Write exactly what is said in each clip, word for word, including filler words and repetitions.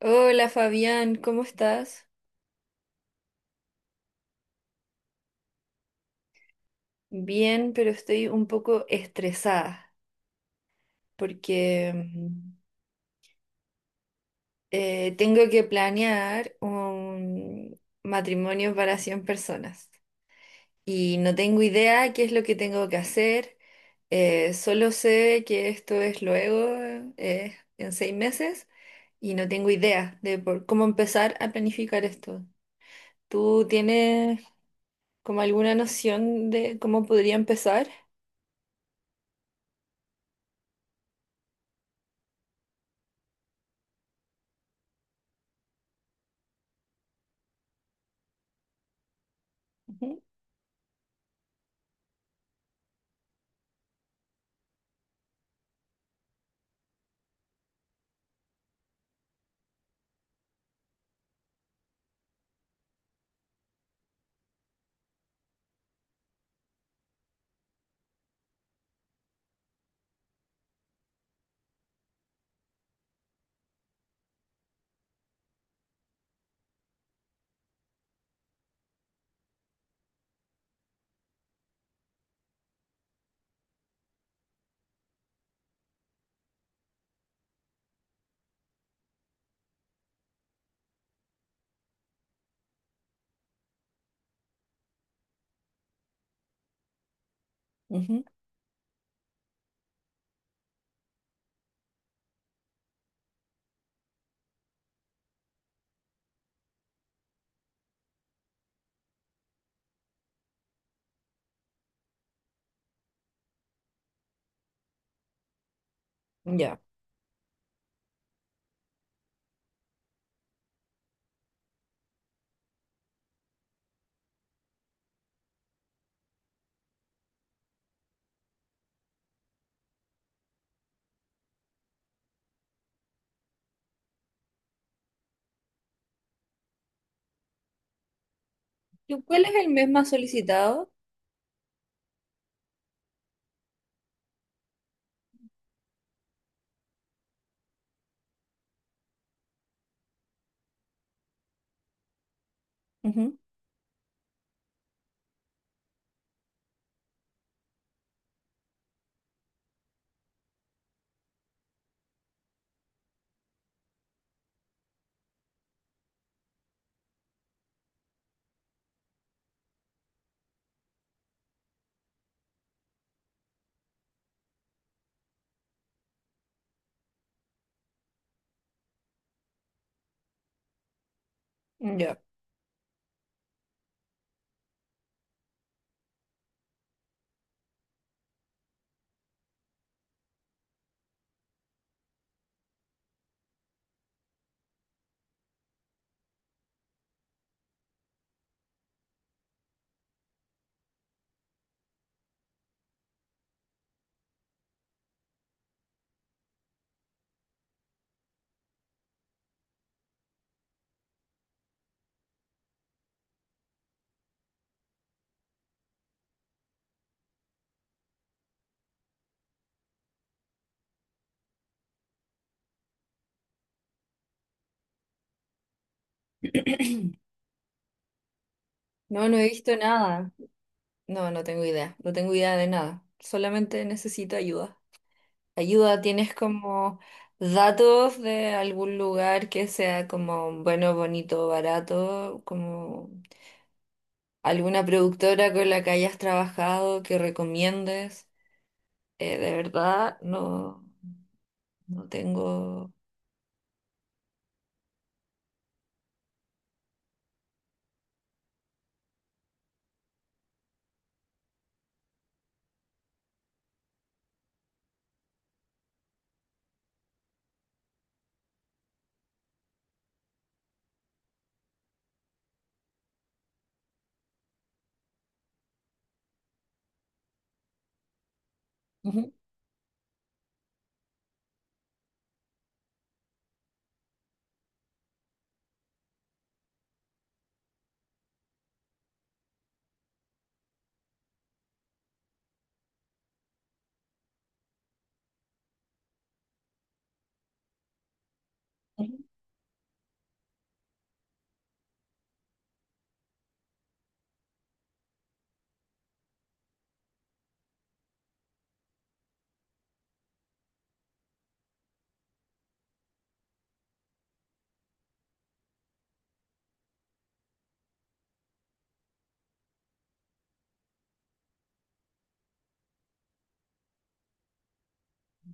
Hola Fabián, ¿cómo estás? Bien, pero estoy un poco estresada porque mm, eh, tengo que planear un matrimonio para cien personas y no tengo idea qué es lo que tengo que hacer, eh, solo sé que esto es luego, eh, en seis meses, y no tengo idea de por cómo empezar a planificar esto. ¿Tú tienes como alguna noción de cómo podría empezar? Ujú, ujú. Ya. ¿Y cuál es el mes más solicitado? Ujú. Ya. No, no he visto nada. No, no tengo idea. No tengo idea de nada. Solamente necesito ayuda. Ayuda, ¿tienes como datos de algún lugar que sea como bueno, bonito, barato? ¿Como alguna productora con la que hayas trabajado que recomiendes? Eh, de verdad, no, no tengo. Ujú.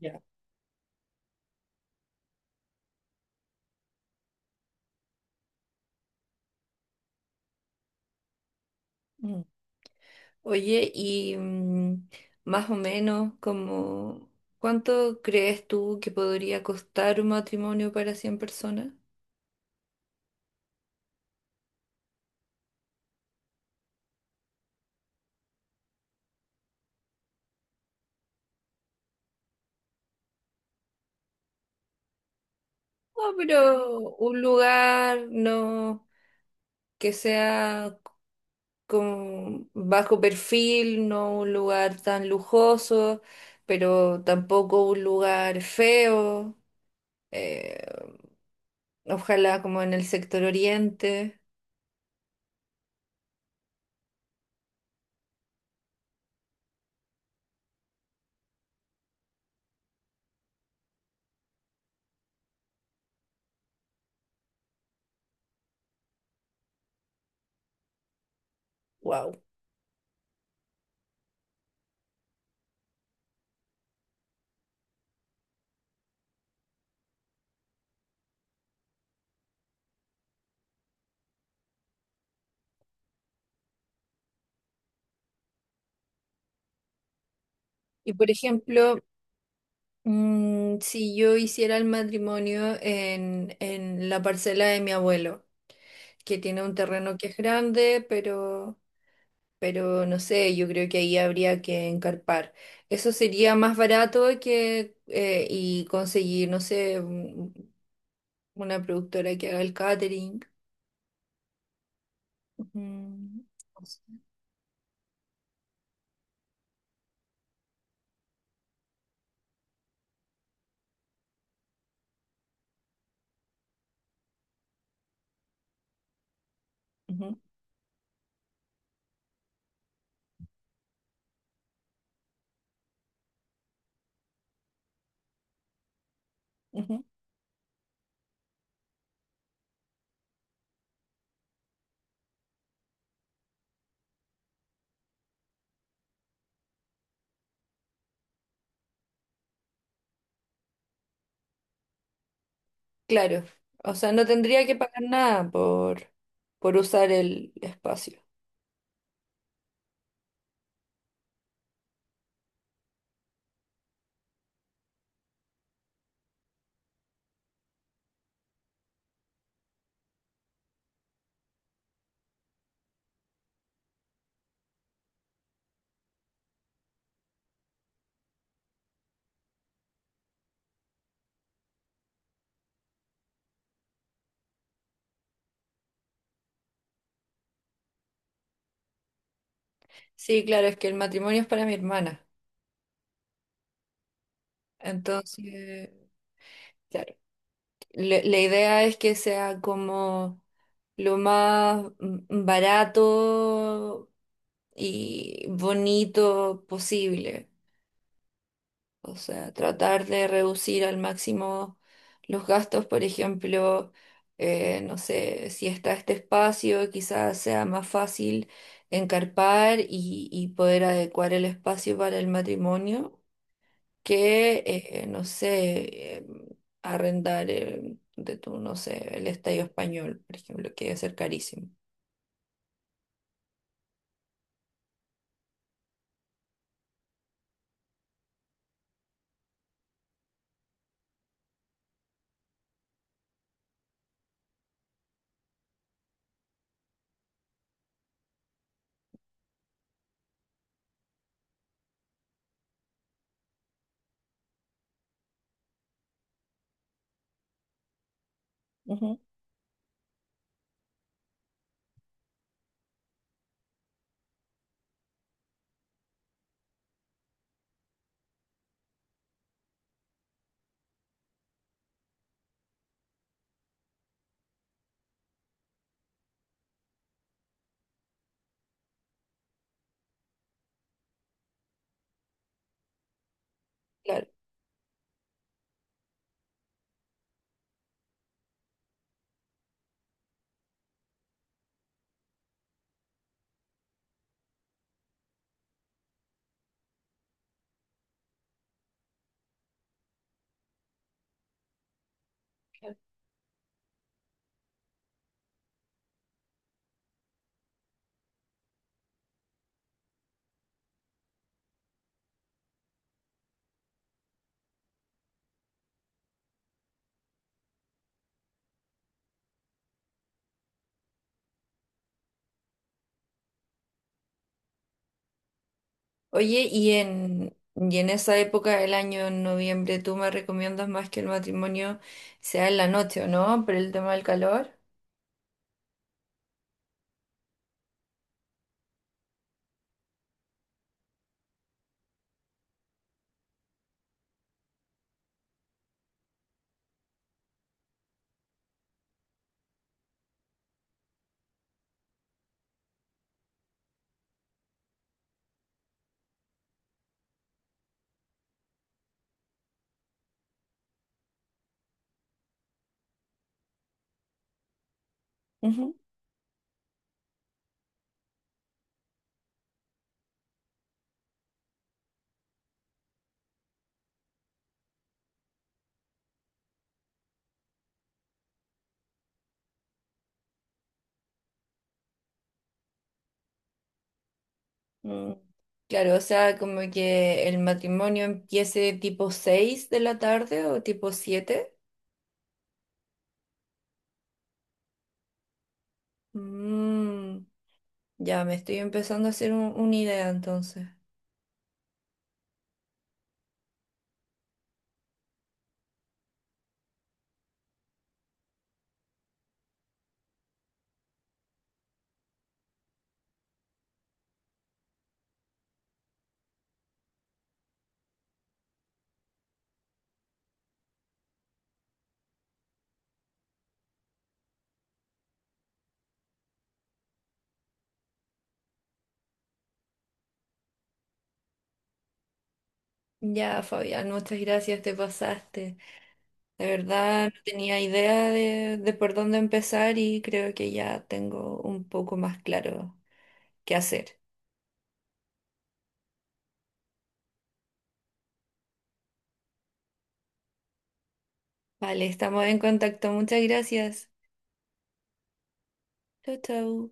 Ya. Oye, y mm, más o menos como, ¿cuánto crees tú que podría costar un matrimonio para cien personas? No, pero un lugar no que sea con bajo perfil, no un lugar tan lujoso, pero tampoco un lugar feo, eh, ojalá como en el sector oriente. Wow. Y por ejemplo, Mm, si yo hiciera el matrimonio en, en la parcela de mi abuelo, que tiene un terreno que es grande, pero, pero no sé, yo creo que ahí habría que encarpar. Eso sería más barato que eh, y conseguir, no sé, un- una productora que haga el catering. Mm, o sea, ujú, ujú. Claro, o sea, no tendría que pagar nada por, por usar el espacio. Sí, claro, es que el matrimonio es para mi hermana. Entonces, claro, le- la idea es que sea como lo más mm, barato y bonito posible. O sea, tratar de reducir al máximo los gastos, por ejemplo, eh, no sé, si está este espacio, quizás sea más fácil encarpar y, y poder adecuar el espacio para el matrimonio. Que, eh, no sé, eh, arrendar eh, de tu, no sé, el Estadio Español, por ejemplo, que debe ser carísimo. Ujú. Claro. Oye, y en, y en esa época del año, en noviembre, ¿tú me recomiendas más que el matrimonio sea en la noche o no? Por el tema del calor. Ujú. Mm, claro, o sea, como que el matrimonio empiece tipo seis de la tarde o tipo siete. Mm, ya me estoy empezando a hacer un- una idea entonces. Ya, Fabián, muchas gracias, te pasaste. De verdad, no tenía idea de, de por dónde empezar y creo que ya tengo un poco más claro qué hacer. Vale, estamos en contacto. Muchas gracias. Chau, chau.